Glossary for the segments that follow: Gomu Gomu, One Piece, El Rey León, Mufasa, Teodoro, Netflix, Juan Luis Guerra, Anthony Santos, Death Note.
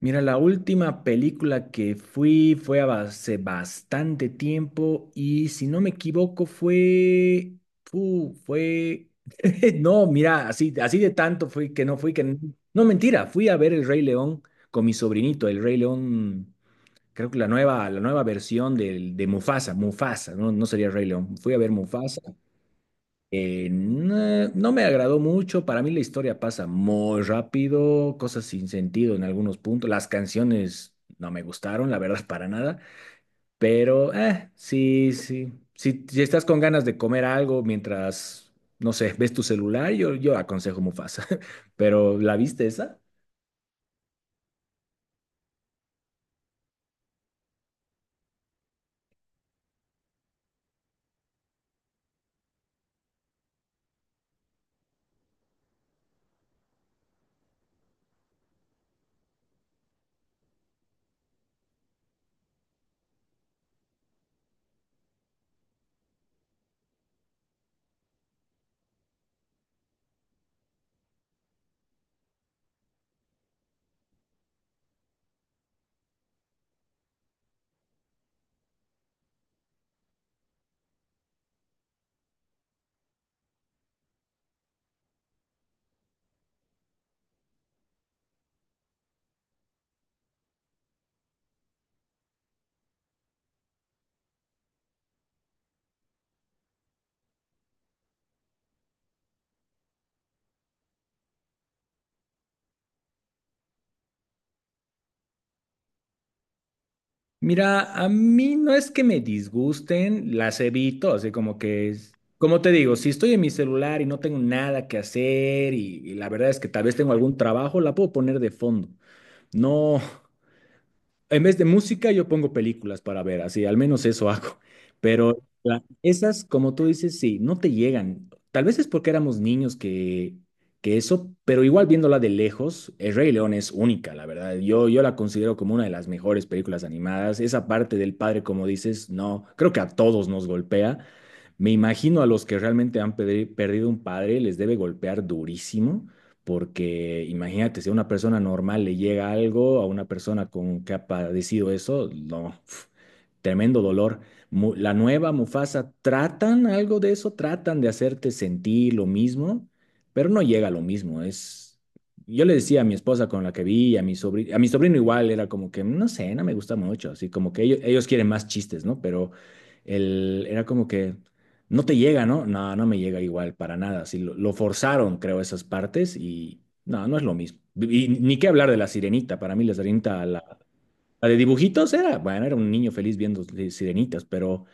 Mira, la última película que fui fue hace bastante tiempo y si no me equivoco fue... No, mira, así, así de tanto fui que... No, mentira, fui a ver El Rey León con mi sobrinito, El Rey León, creo que la nueva versión de Mufasa, Mufasa, no, no sería Rey León, fui a ver Mufasa. No, no me agradó mucho. Para mí la historia pasa muy rápido, cosas sin sentido en algunos puntos, las canciones no me gustaron, la verdad, para nada, pero sí, sí, si, si estás con ganas de comer algo mientras, no sé, ves tu celular, yo aconsejo Mufasa, pero ¿la viste esa? Mira, a mí no es que me disgusten, las evito, así como que es, como te digo, si estoy en mi celular y no tengo nada que hacer y la verdad es que tal vez tengo algún trabajo, la puedo poner de fondo. No, en vez de música, yo pongo películas para ver, así, al menos eso hago. Pero esas, como tú dices, sí, no te llegan. Tal vez es porque éramos niños que eso, pero igual viéndola de lejos, El Rey León es única, la verdad. Yo la considero como una de las mejores películas animadas. Esa parte del padre, como dices, no, creo que a todos nos golpea. Me imagino a los que realmente han perdido un padre, les debe golpear durísimo, porque imagínate, si a una persona normal le llega algo, a una persona con que ha padecido eso, no, pf, tremendo dolor. La nueva Mufasa, tratan algo de eso, tratan de hacerte sentir lo mismo, pero no llega a lo mismo. Es, yo le decía a mi esposa con la que vi, a mi sobrino igual, era como que, no sé, no me gusta mucho, así como que ellos quieren más chistes, ¿no? Pero el, era como que... No te llega, ¿no? No, no me llega igual para nada. Sí, lo forzaron, creo, esas partes y no, no es lo mismo. Y ni qué hablar de la sirenita. Para mí la sirenita, la de dibujitos era, bueno, era un niño feliz viendo sirenitas, pero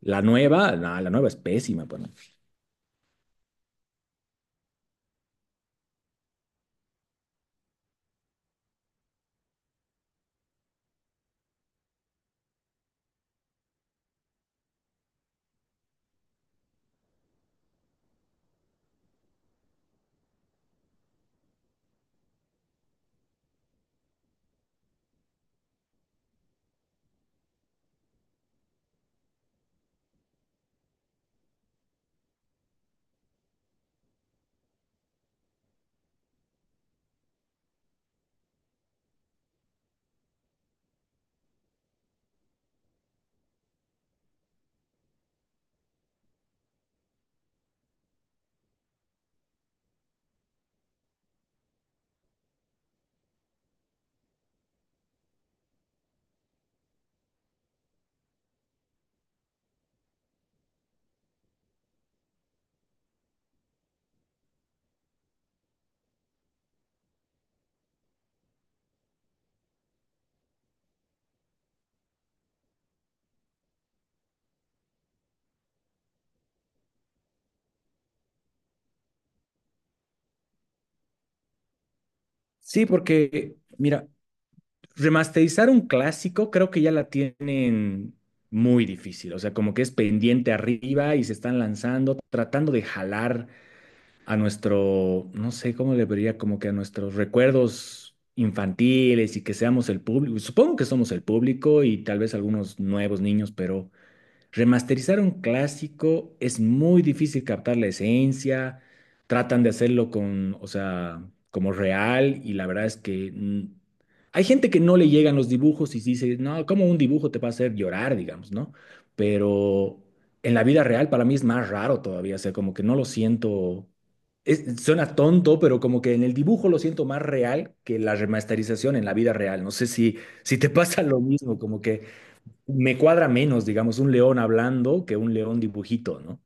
la nueva, no, la nueva es pésima para mí. Sí, porque, mira, remasterizar un clásico creo que ya la tienen muy difícil. O sea, como que es pendiente arriba y se están lanzando, tratando de jalar a nuestro, no sé cómo le vería, como que a nuestros recuerdos infantiles y que seamos el público. Supongo que somos el público y tal vez algunos nuevos niños, pero remasterizar un clásico es muy difícil captar la esencia, tratan de hacerlo con, o sea, como real y la verdad es que hay gente que no le llegan los dibujos y sí dice, no, cómo un dibujo te va a hacer llorar, digamos, ¿no? Pero en la vida real para mí es más raro todavía, o sea, como que no lo siento, suena tonto, pero como que en el dibujo lo siento más real que la remasterización en la vida real. No sé si, si te pasa lo mismo, como que me cuadra menos, digamos, un león hablando que un león dibujito, ¿no?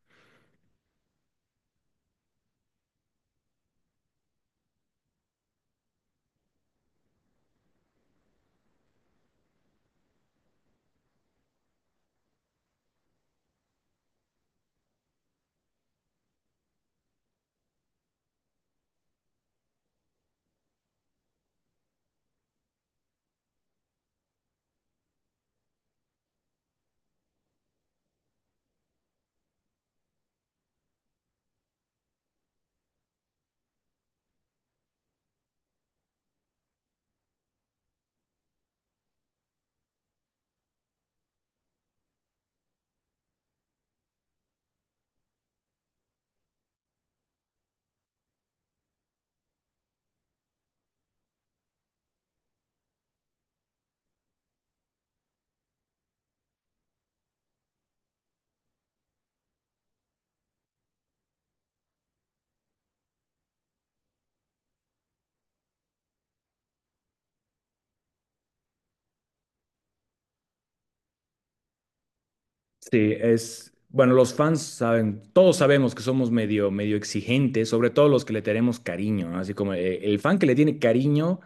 Sí, es, bueno, los fans saben, todos sabemos que somos medio, medio exigentes, sobre todo los que le tenemos cariño, ¿no? Así como el fan que le tiene cariño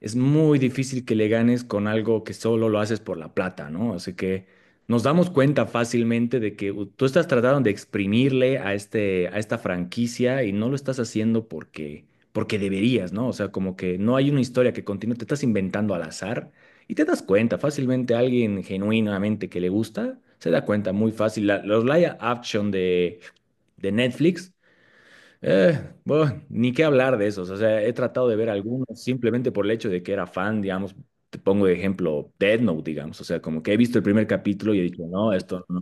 es muy difícil que le ganes con algo que solo lo haces por la plata, ¿no? Así que nos damos cuenta fácilmente de que tú estás tratando de exprimirle a este, a esta franquicia y no lo estás haciendo porque, porque deberías, ¿no? O sea, como que no hay una historia que continúe, te estás inventando al azar y te das cuenta fácilmente alguien genuinamente que le gusta, se da cuenta muy fácil. Los live action de Netflix. Eh, bueno, ni qué hablar de esos. O sea, he tratado de ver algunos simplemente por el hecho de que era fan, digamos. Te pongo de ejemplo Death Note, digamos. O sea, como que he visto el primer capítulo y he dicho, no, esto no.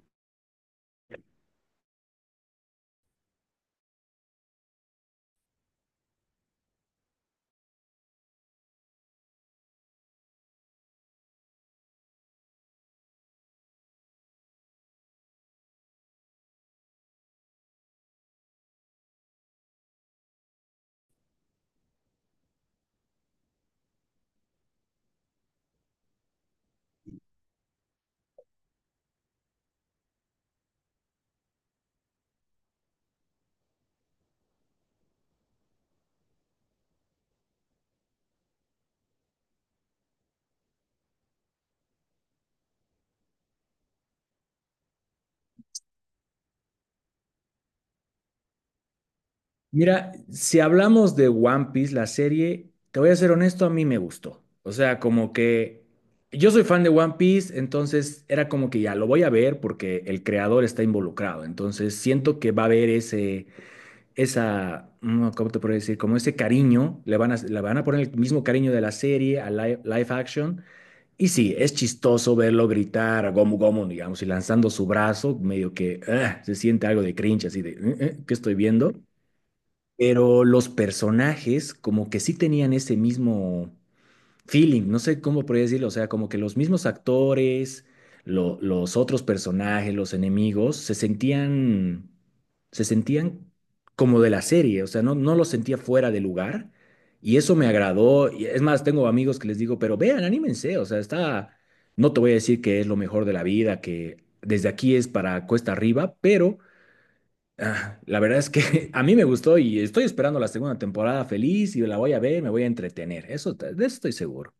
Mira, si hablamos de One Piece, la serie, te voy a ser honesto, a mí me gustó. O sea, como que yo soy fan de One Piece, entonces era como que ya lo voy a ver porque el creador está involucrado. Entonces siento que va a haber ese ¿cómo te puedo decir? Como ese cariño, le van a poner el mismo cariño de la serie a live, action. Y sí, es chistoso verlo gritar a Gomu Gomu, digamos, y lanzando su brazo, medio que ah, se siente algo de cringe, así de, ¿qué estoy viendo?" Pero los personajes como que sí tenían ese mismo feeling, no sé cómo podría decirlo, o sea, como que los mismos actores, los otros personajes, los enemigos, se sentían como de la serie, o sea, no, no los sentía fuera de lugar y eso me agradó. Y es más, tengo amigos que les digo, pero vean, anímense, o sea, está, no te voy a decir que es lo mejor de la vida, que desde aquí es para cuesta arriba, pero... La verdad es que a mí me gustó y estoy esperando la segunda temporada feliz y la voy a ver, me voy a entretener. Eso, de eso estoy seguro.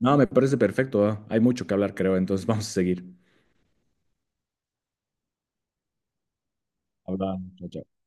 No, me parece perfecto. Hay mucho que hablar, creo. Entonces vamos a seguir. Hablando. Chao, chao.